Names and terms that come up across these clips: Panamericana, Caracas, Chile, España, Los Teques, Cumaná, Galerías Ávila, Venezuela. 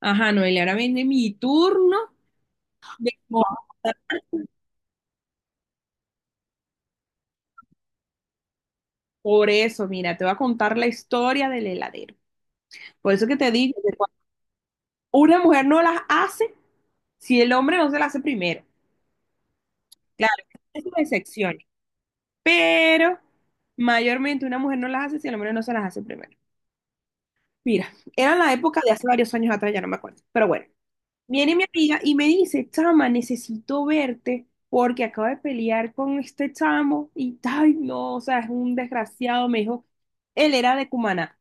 Ajá, Noelia, ahora viene mi turno de moda. Por eso, mira, te voy a contar la historia del heladero. Por eso que te digo que cuando una mujer no las hace si el hombre no se las hace primero. Claro, hay sus excepciones, pero mayormente una mujer no las hace si el hombre no se las hace primero. Mira, era la época de hace varios años atrás, ya no me acuerdo, pero bueno. Viene mi amiga y me dice, chama, necesito verte porque acabo de pelear con este chamo y, ay, no, o sea, es un desgraciado, me dijo, él era de Cumaná,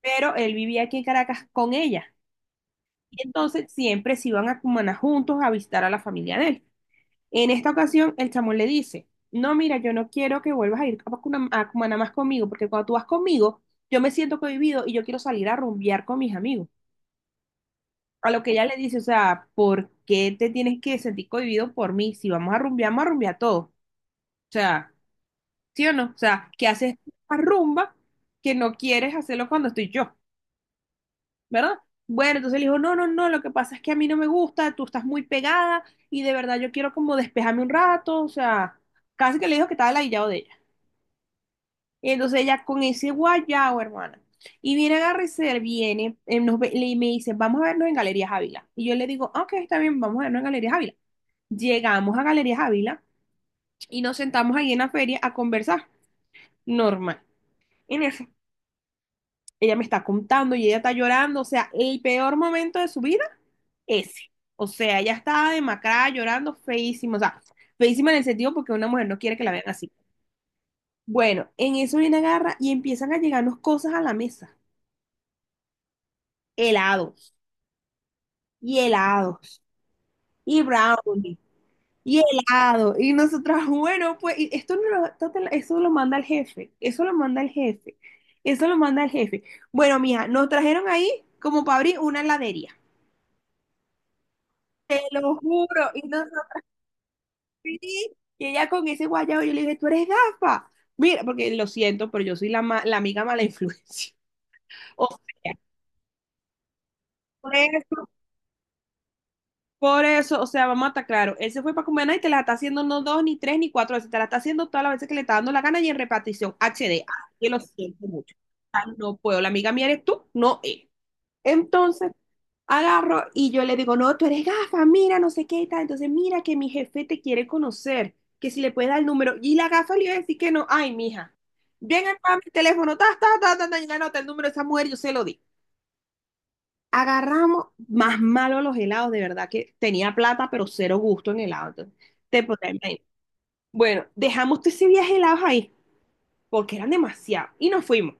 pero él vivía aquí en Caracas con ella. Y entonces siempre se iban a Cumaná juntos a visitar a la familia de él. En esta ocasión, el chamo le dice, no, mira, yo no quiero que vuelvas a ir a Cumaná, más conmigo, porque cuando tú vas conmigo, yo me siento cohibido y yo quiero salir a rumbear con mis amigos. A lo que ella le dice, o sea, ¿por qué te tienes que sentir cohibido por mí? Si vamos a rumbear, vamos a rumbear todo. O sea, ¿sí o no? O sea, ¿qué haces una rumba que no quieres hacerlo cuando estoy yo? ¿Verdad? Bueno, entonces le dijo, no, no, no, lo que pasa es que a mí no me gusta, tú estás muy pegada y de verdad yo quiero como despejarme un rato, o sea, casi que le dijo que estaba ladillado de ella. Y entonces ella con ese guayao, hermana. Y viene agarra y se viene, me dice, vamos a vernos en Galerías Ávila. Y yo le digo, "Ah, ok, está bien, vamos a vernos en Galerías Ávila." Llegamos a Galerías Ávila y nos sentamos ahí en la feria a conversar. Normal. En eso, ella me está contando y ella está llorando. O sea, el peor momento de su vida, ese. O sea, ella está demacrada, llorando, feísima. O sea, feísima en el sentido porque una mujer no quiere que la vean así. Bueno, en eso viene agarra y empiezan a llegarnos cosas a la mesa. Helados y helados y brownies y helado. Y nosotras, bueno, pues y esto, no lo- esto te lo- eso lo manda el jefe, eso lo manda el jefe, eso lo manda el jefe. Bueno, mija, nos trajeron ahí como para abrir una heladería. Te lo juro. Y nosotros, sí, y ella con ese guayabo, yo le dije, tú eres gafa. Mira, porque lo siento, pero yo soy la amiga mala influencia. O sea, por eso Por eso, o sea, vamos a estar claro, él se fue para Cumaná y te la está haciendo no dos, ni tres, ni cuatro veces, te la está haciendo todas las veces que le está dando la gana y en repartición HD. Ah, yo lo siento mucho. Ah, no puedo, la amiga mía eres tú, no él. Entonces, agarro y yo le digo, no, tú eres gafa, mira, no sé qué y tal. Entonces, mira que mi jefe te quiere conocer, que si le puedes dar el número. Y la gafa le iba a decir que no, ay, mija, ven acá a mi teléfono, ta, ta, ta, ta, ta, y le anota el número de esa mujer, yo se lo di. Agarramos más malo los helados, de verdad que tenía plata, pero cero gusto en helado. Entonces, te podrás imaginar. Bueno, dejamos todos esos viaje helados ahí, porque eran demasiados, y nos fuimos.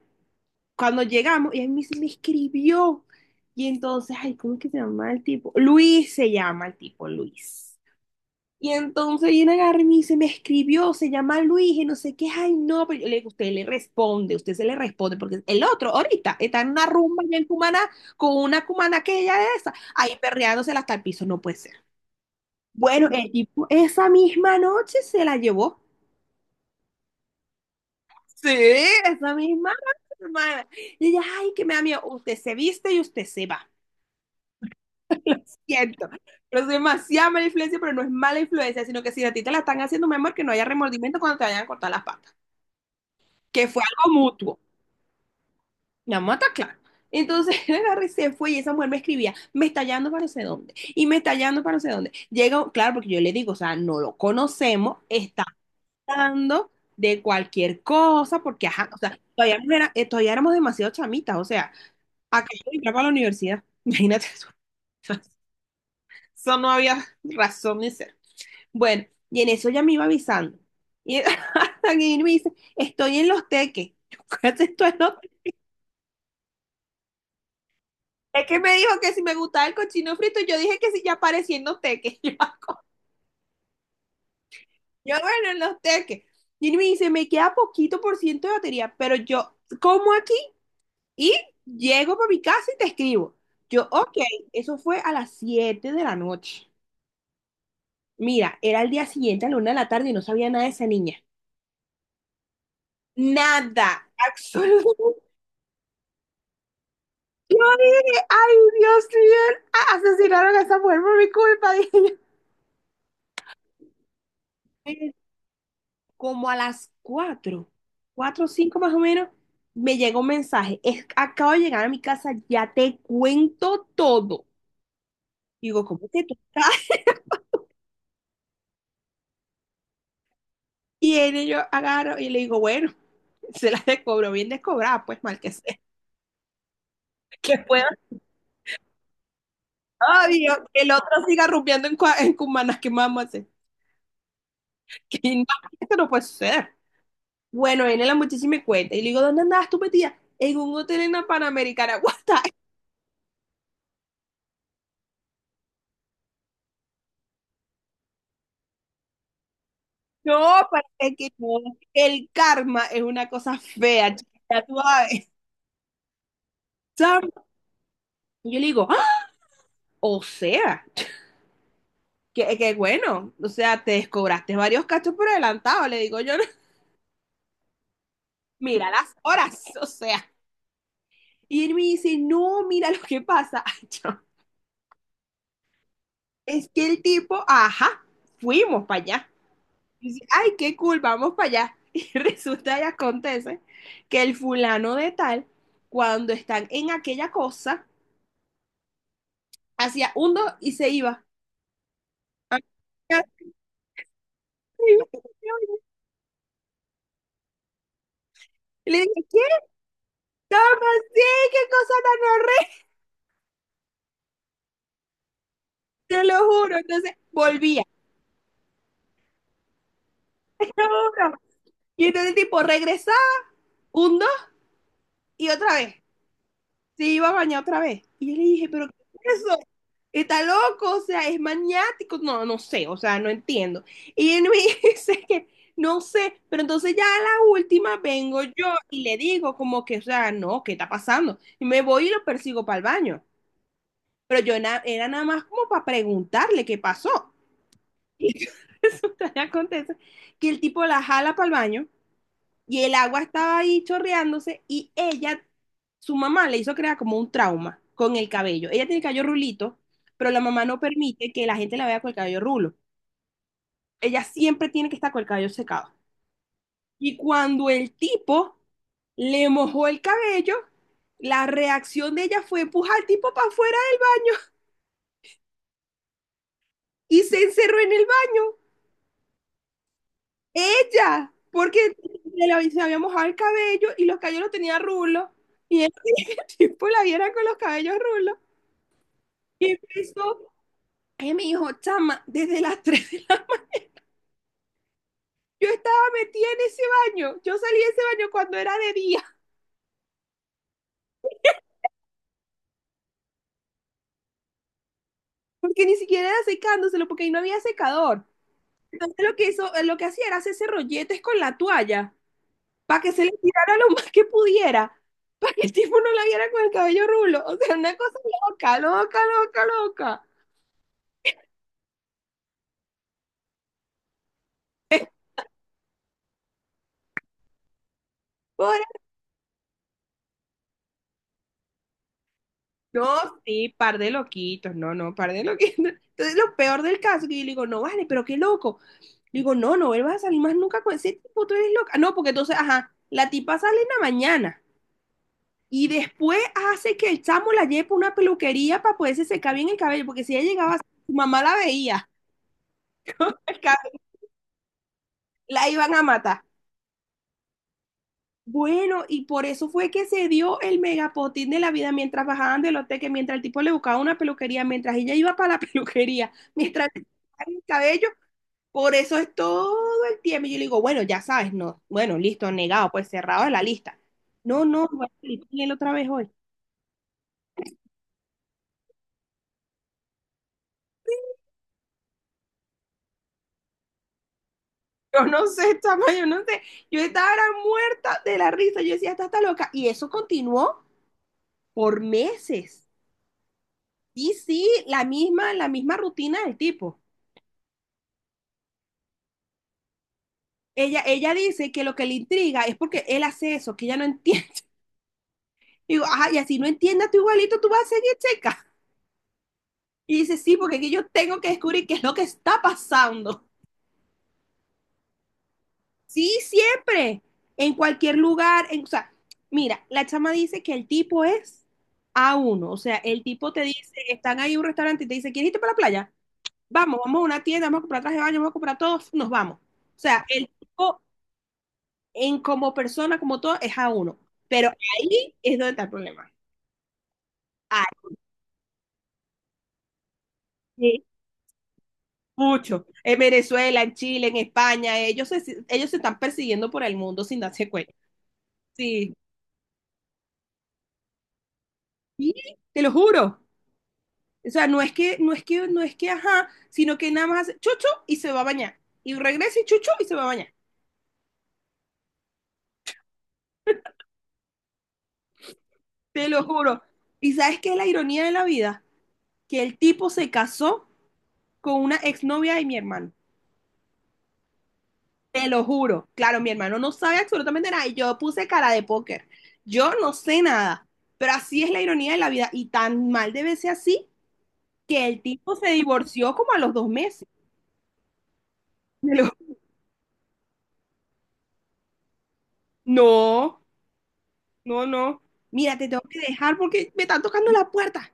Cuando llegamos, y él me dice, me escribió, y entonces, ay, ¿cómo es que se llama el tipo? Luis se llama el tipo, Luis. Y entonces viene agarra y me dice, me escribió, se llama Luis y no sé qué, ay no, pero yo le digo, usted le responde, usted se le responde, porque el otro ahorita está en una rumba allá en Cumaná con una cumana que ella es esa, ahí perreándosela hasta el piso, no puede ser. Bueno, el tipo esa misma noche se la llevó. Sí, esa misma noche, hermana. Y ella, ay, que me da miedo, usted se viste y usted se va. Siento, pero es demasiada mala influencia, pero no es mala influencia, sino que si a ti te la están haciendo, mi amor, que no haya remordimiento cuando te vayan a cortar las patas. Que fue algo mutuo. Vamos mata claro. Entonces él agarra y se fue y esa mujer me escribía, me está hallando para no sé dónde, y me está hallando para no sé dónde. Llega, claro, porque yo le digo, o sea, no lo conocemos, está hablando de cualquier cosa, porque ajá, o sea, todavía, no era- todavía éramos demasiado chamitas, o sea, acá yo entraba para la universidad, imagínate eso. Eso no había razón de ser. Bueno, y en eso ya me iba avisando. Y hasta que me dice, estoy en los teques. Yo, ¿qué haces tú en los? Es que me dijo que si me gustaba el cochino frito, yo dije que si ya aparecía en los teques. Bueno, en los teques. Y me dice, me queda poquito por ciento de batería, pero yo como aquí y llego para mi casa y te escribo. Yo, ok, eso fue a las 7 de la noche. Mira, era el día siguiente a la 1 de la tarde y no sabía nada de esa niña. Nada, absolutamente. Yo dije, ay, Dios mío, asesinaron a esa mujer por mi culpa, dije yo. Como a las cuatro, cuatro o 5 más o menos, me llegó un mensaje. Es, acabo de llegar a mi casa, ya te cuento todo. Y digo, ¿cómo que tú estás? Y él, yo agarro y le digo, bueno, se la descobro, bien descobrada, pues mal que sea. Que pueda, ay, yo, que el otro siga rumbeando en Cumaná, ¿qué más vamos a hacer? Que no, esto no puede ser. Bueno, viene la muchísima cuenta y le digo, ¿dónde andabas tú metida? En un hotel en la Panamericana. What the. No, parece que no. El karma es una cosa fea, chica, tú sabes. Sam, y yo le digo, "Ah, o sea, que bueno, o sea, te descobraste varios cachos por adelantado, le digo yo, mira las horas, o sea." Y él me dice, no, mira lo que pasa. Yo, es que el tipo, ajá, fuimos para allá. Y dice, ay, qué cool, vamos para allá. Y resulta y acontece que el fulano de tal, cuando están en aquella cosa, hacía un dos y se iba. a- Y le dije, ¿qué? No. ¿Cómo sí? ¿Qué cosa tan horrible? Te lo juro. Entonces volvía, te lo juro. Y entonces el tipo regresaba, un, dos y otra vez. Se iba a bañar otra vez. Y yo le dije, ¿pero qué es eso? Está loco, o sea, es maniático. No, no sé, o sea, no entiendo. Y él me dice que no sé, pero entonces ya a la última vengo yo y le digo como que, o sea, no, ¿qué está pasando? Y me voy y lo persigo para el baño. Pero yo na era nada más como para preguntarle qué pasó. Y resulta que acontece que el tipo la jala para el baño y el agua estaba ahí chorreándose y ella, su mamá le hizo crear como un trauma con el cabello. Ella tiene el cabello rulito, pero la mamá no permite que la gente la vea con el cabello rulo. Ella siempre tiene que estar con el cabello secado. Y cuando el tipo le mojó el cabello, la reacción de ella fue empujar al tipo para afuera del baño y se encerró en el baño. Ella, porque se había mojado el cabello y los cabellos los tenía rulos. Y el tipo la viera con los cabellos rulos. Y empezó, ella me dijo, chama, desde las 3 de la mañana. Yo estaba metida en ese baño. Yo salí de ese baño cuando era de día, porque ni siquiera era secándoselo, porque ahí no había secador. Entonces lo que hizo, lo que hacía era hacerse rolletes con la toalla, para que se le tirara lo más que pudiera, para que el tipo no la viera con el cabello rulo. O sea, una cosa loca, loca, loca, loca. Pobre No, sí, par de loquitos, no, no, par de loquitos. Entonces, lo peor del caso, que yo le digo, no, vale, pero qué loco. Le digo, no, no, él va a salir más nunca con ese tipo, tú eres loca. No, porque entonces, ajá, la tipa sale en la mañana y después hace que el chamo la lleve para una peluquería para poderse secar bien el cabello, porque si ella llegaba, su mamá la veía, el cabello, la iban a matar. Bueno, y por eso fue que se dio el megapotín de la vida mientras bajaban del hotel, que mientras el tipo le buscaba una peluquería, mientras ella iba para la peluquería, mientras le secaban el cabello, por eso es todo el tiempo. Y yo le digo, bueno, ya sabes, no, bueno, listo, negado, pues cerrado de la lista. No, no, voy a salir con él otra vez hoy. Yo no sé, chama, yo no sé. Yo estaba era muerta de la risa. Yo decía, esta está loca. Y eso continuó por meses. Y sí, la misma rutina del tipo. Ella dice que lo que le intriga es porque él hace eso, que ella no entiende. Y digo, ajá, y así no entiendas tú igualito, tú vas a seguir checa. Y dice, sí, porque aquí yo tengo que descubrir qué es lo que está pasando. Sí, siempre. En cualquier lugar. O sea, mira, la chama dice que el tipo es a uno. O sea, el tipo te dice, están ahí en un restaurante y te dice, ¿quieres irte para la playa? Vamos, vamos a una tienda, vamos a comprar traje de baño, vamos a comprar todo, nos vamos. O sea, el tipo en como persona, como todo, es a uno. Pero ahí es donde está el problema. Ahí, mucho. En Venezuela, en Chile, en España, ellos se están persiguiendo por el mundo sin darse cuenta. Sí, sí, te lo juro. O sea, no es que, no es que, no es que, ajá, sino que nada más hace chucho y se va a bañar. Y regresa y chuchu y se va a bañar. Te lo juro. ¿Y sabes qué es la ironía de la vida? Que el tipo se casó con una exnovia de mi hermano. Te lo juro. Claro, mi hermano no sabe absolutamente nada. Y yo puse cara de póker. Yo no sé nada. Pero así es la ironía de la vida. Y tan mal debe ser así que el tipo se divorció como a los 2 meses. Te lo- No, no, no. Mira, te tengo que dejar porque me están tocando la puerta.